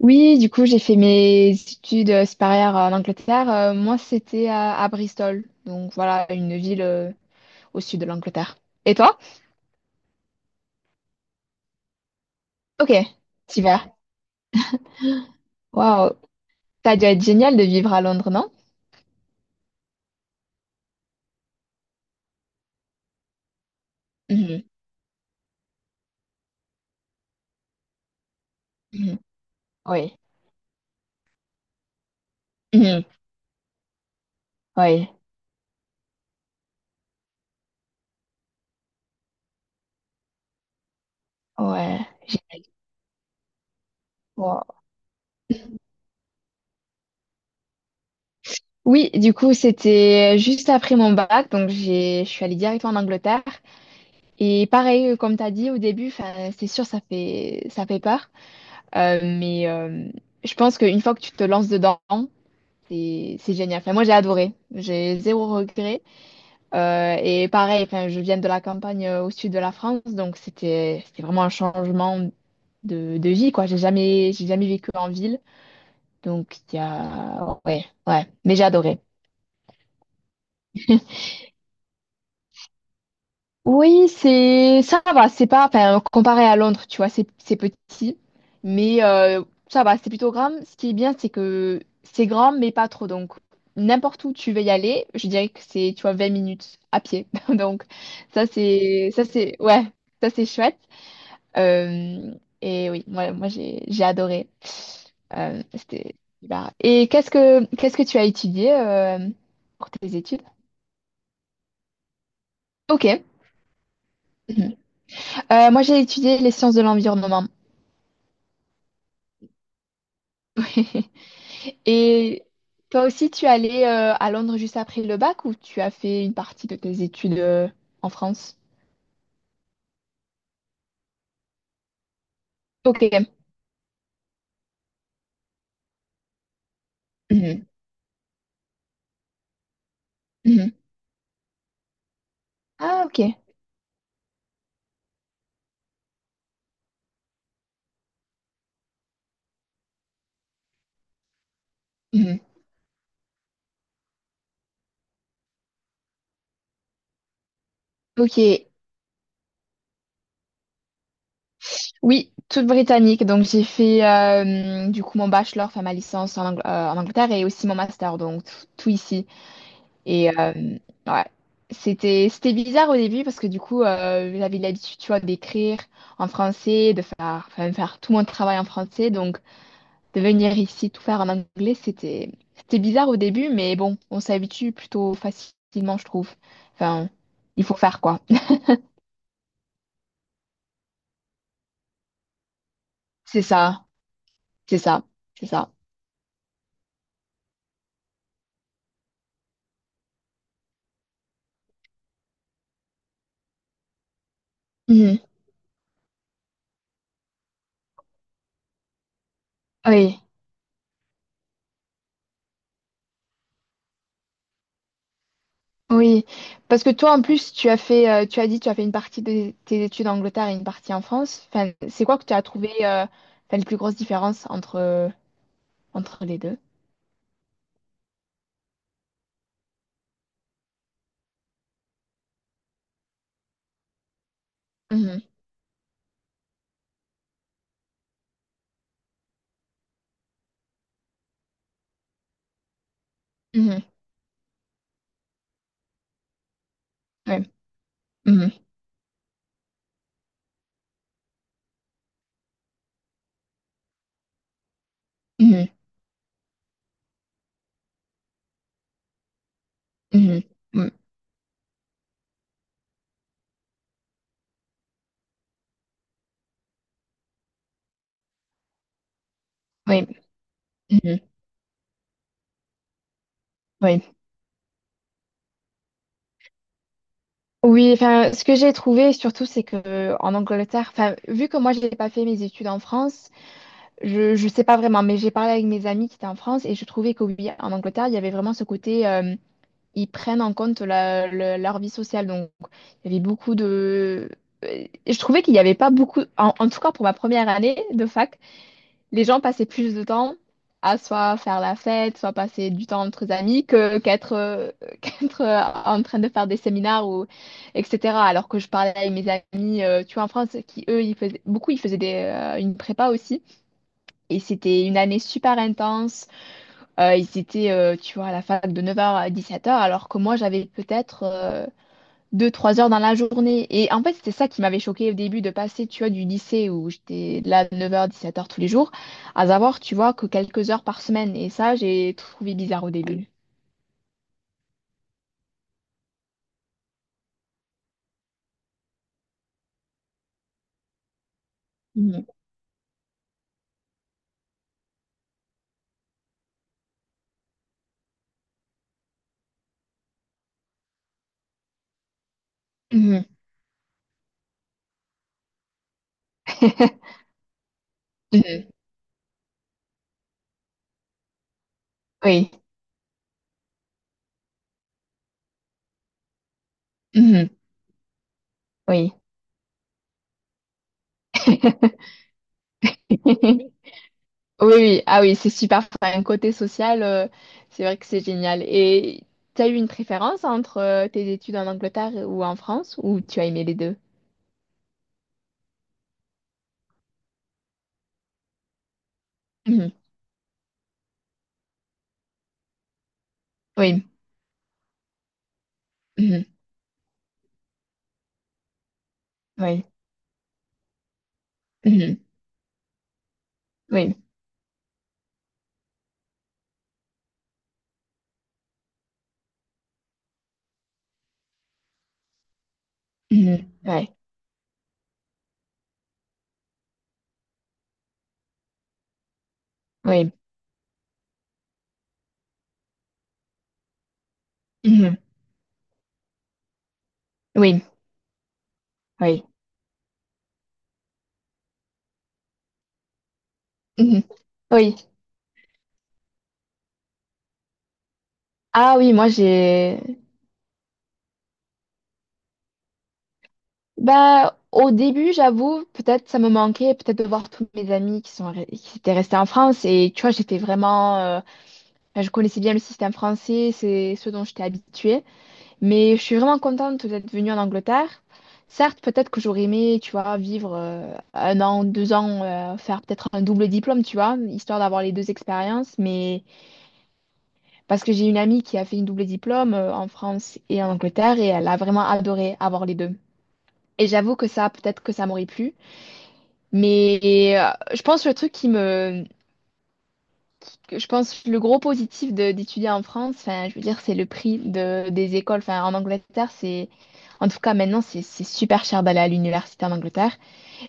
Oui, du coup, j'ai fait mes études supérieures en Angleterre. Moi, c'était à Bristol. Donc voilà, une ville au sud de l'Angleterre. Et toi? Ok, super. Waouh, ça doit être génial de vivre à Londres, non? Mhm, mhm. Oui. Mhm. Oui. Ouais. Wow. Oui, du coup, c'était juste après mon bac, donc je suis allée directement en Angleterre. Et pareil, comme tu as dit au début, 'fin, c'est sûr, ça fait peur. Mais je pense qu'une fois que tu te lances dedans, c'est génial. Enfin, moi, j'ai adoré. J'ai zéro regret. Et pareil, enfin, je viens de la campagne au sud de la France, donc c'était vraiment un changement de vie, quoi. J'ai jamais vécu en ville, donc il y a ouais, ouais. Mais j'ai adoré. Oui, c'est ça va, c'est pas enfin comparé à Londres, tu vois, c'est petit, mais ça va, c'est plutôt grand. Ce qui est bien, c'est que c'est grand mais pas trop, donc n'importe où tu veux y aller, je dirais que c'est, tu vois, 20 minutes à pied. Donc ça c'est ouais, ça c'est chouette. Euh, et oui, moi j'ai adoré. C'était super. Et qu'est-ce que tu as étudié, pour tes études? Ok. Mhm. Moi, j'ai étudié les sciences de l'environnement. Et toi aussi, tu es allé à Londres juste après le bac, ou tu as fait une partie de tes études en France? Ok. Mhm. Mhm. Ah, ok. Mhm. Ok. Oui, toute britannique. Donc, j'ai fait du coup mon bachelor, enfin ma licence en, en Angleterre, et aussi mon master, donc tout ici. Et ouais, c'était bizarre au début parce que du coup, j'avais l'habitude, tu vois, d'écrire en français, faire tout mon travail en français. Donc, de venir ici tout faire en anglais, c'était bizarre au début, mais bon, on s'habitue plutôt facilement, je trouve. Enfin, il faut faire quoi. C'est ça, c'est ça, c'est ça. Mhm. Oui, oui. Parce que toi, en plus, tu as fait, tu as fait une partie de tes études en Angleterre et une partie en France. Enfin, c'est quoi que tu as trouvé, enfin, les plus grosses différences entre les deux? Mhm. Mhm. Oui. Mhm. Mhm. Mhm. Mm. Oui. Mhm. Oui. Oui, enfin, ce que j'ai trouvé surtout, c'est que en Angleterre, enfin, vu que moi, je n'ai pas fait mes études en France, je ne sais pas vraiment, mais j'ai parlé avec mes amis qui étaient en France, et je trouvais que oui, en Angleterre, il y avait vraiment ce côté, ils prennent en compte leur vie sociale. Donc, il y avait beaucoup de... Je trouvais qu'il n'y avait pas beaucoup, en tout cas pour ma première année de fac, les gens passaient plus de temps à soit faire la fête, soit passer du temps entre amis que qu'être qu'être en train de faire des séminaires ou etc. Alors que je parlais avec mes amis, tu vois, en France, qui eux, ils faisaient une prépa aussi. Et c'était une année super intense. Ils étaient, tu vois, à la fac de 9h à 17h, alors que moi, j'avais peut-être deux, trois heures dans la journée. Et en fait, c'était ça qui m'avait choqué au début, de passer, tu vois, du lycée où j'étais là de neuf heures dix-sept heures tous les jours, à savoir, tu vois, que quelques heures par semaine. Et ça, j'ai trouvé bizarre au début. Mhm. Mhm. Mhm. Oui. Mhm. Oui. Oui, oui. Ah oui, c'est super. Enfin, un côté social, c'est vrai que c'est génial. Et tu as eu une préférence entre tes études en Angleterre ou en France, ou tu as aimé les deux? Mhm. Oui. Mhm. Oui. Mhm. Oui. Mhm. Ouais. Oui. Mhm. Oui. Oui. Mhm. Oui. Ah oui, moi j'ai. Bah, au début, j'avoue, peut-être ça me manquait, peut-être de voir tous mes amis qui étaient restés en France. Et tu vois, j'étais vraiment. Enfin, je connaissais bien le système français, c'est ce dont j'étais habituée, mais je suis vraiment contente d'être venue en Angleterre. Certes, peut-être que j'aurais aimé, tu vois, vivre 1 an, 2 ans, faire peut-être un double diplôme, tu vois, histoire d'avoir les deux expériences, mais parce que j'ai une amie qui a fait une double diplôme en France et en Angleterre, et elle a vraiment adoré avoir les deux. Et j'avoue que ça, peut-être que ça m'aurait plu. Mais je pense le truc qui me... que Je pense le gros positif d'étudier en France, enfin, je veux dire, c'est le prix des écoles. Enfin, en Angleterre, c'est... En tout cas, maintenant, c'est super cher d'aller à l'université en Angleterre.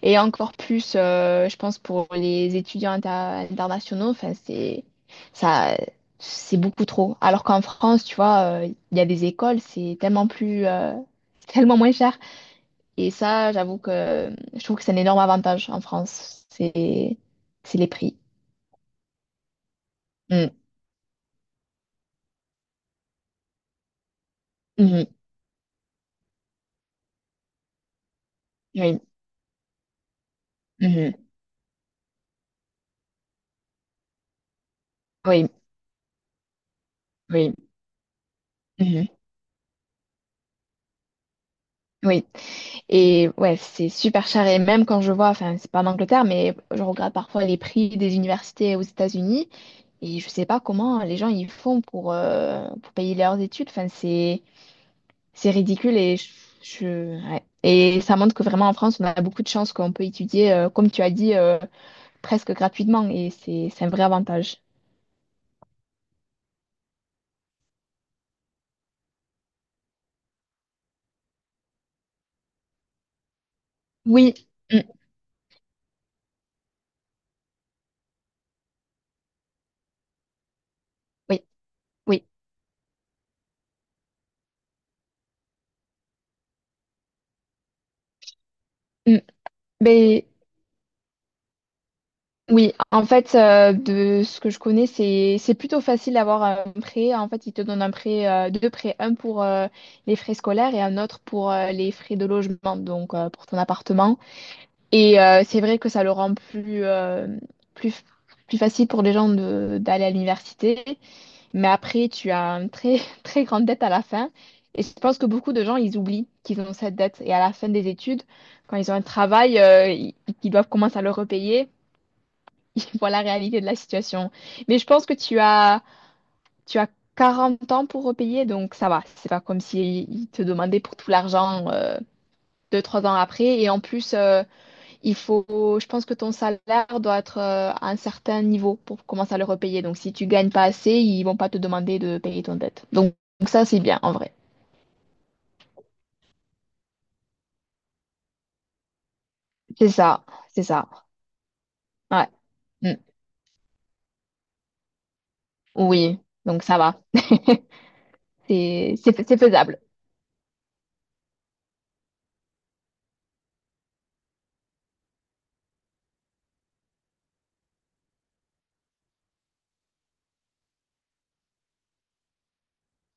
Et encore plus, je pense, pour les étudiants internationaux, enfin, ça, c'est beaucoup trop. Alors qu'en France, tu vois, il y a des écoles, c'est tellement plus, tellement moins cher. Et ça, j'avoue que je trouve que c'est un énorme avantage en France. C'est les prix. Mm. Mhm. Oui. Mhm. Oui, oui. Mhm. Oui. Et ouais, c'est super cher. Et même quand je vois, enfin, c'est pas en Angleterre, mais je regarde parfois les prix des universités aux États-Unis. Et je sais pas comment les gens ils font pour payer leurs études. Enfin, c'est ridicule ouais. Et ça montre que vraiment en France, on a beaucoup de chance qu'on peut étudier, comme tu as dit, presque gratuitement. Et c'est un vrai avantage. Oui, mm, oui, oui. Mm. Mais oui, en fait, de ce que je connais, c'est plutôt facile d'avoir un prêt. En fait, ils te donnent un prêt, deux prêts, un pour les frais scolaires et un autre pour les frais de logement, donc pour ton appartement. Et c'est vrai que ça le rend plus, plus facile pour les gens d'aller à l'université. Mais après, tu as une très, très grande dette à la fin. Et je pense que beaucoup de gens, ils oublient qu'ils ont cette dette. Et à la fin des études, quand ils ont un travail, ils doivent commencer à le repayer. Ils voient la réalité de la situation. Mais je pense que tu as 40 ans pour repayer, donc ça va. C'est pas comme si ils te demandaient pour tout l'argent deux, trois ans après. Et en plus, je pense que ton salaire doit être à un certain niveau pour commencer à le repayer. Donc, si tu gagnes pas assez, ils vont pas te demander de payer ton dette. Donc, ça, c'est bien, en vrai. C'est ça, c'est ça. Ouais. Mm. Oui, donc ça va. C'est faisable.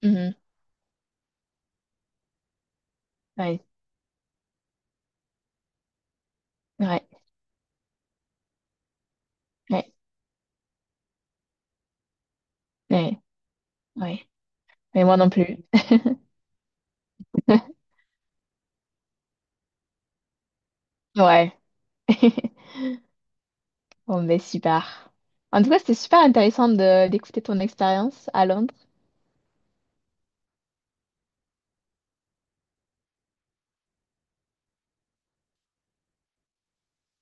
Mhm. Ouais, ouais, ouais, ouais, ouais. Mais moi non plus. Ouais. Bon, ben super. En tout cas, c'était super intéressant de d'écouter ton expérience à Londres.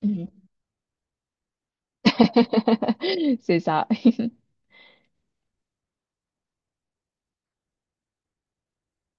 Mhm. C'est ça.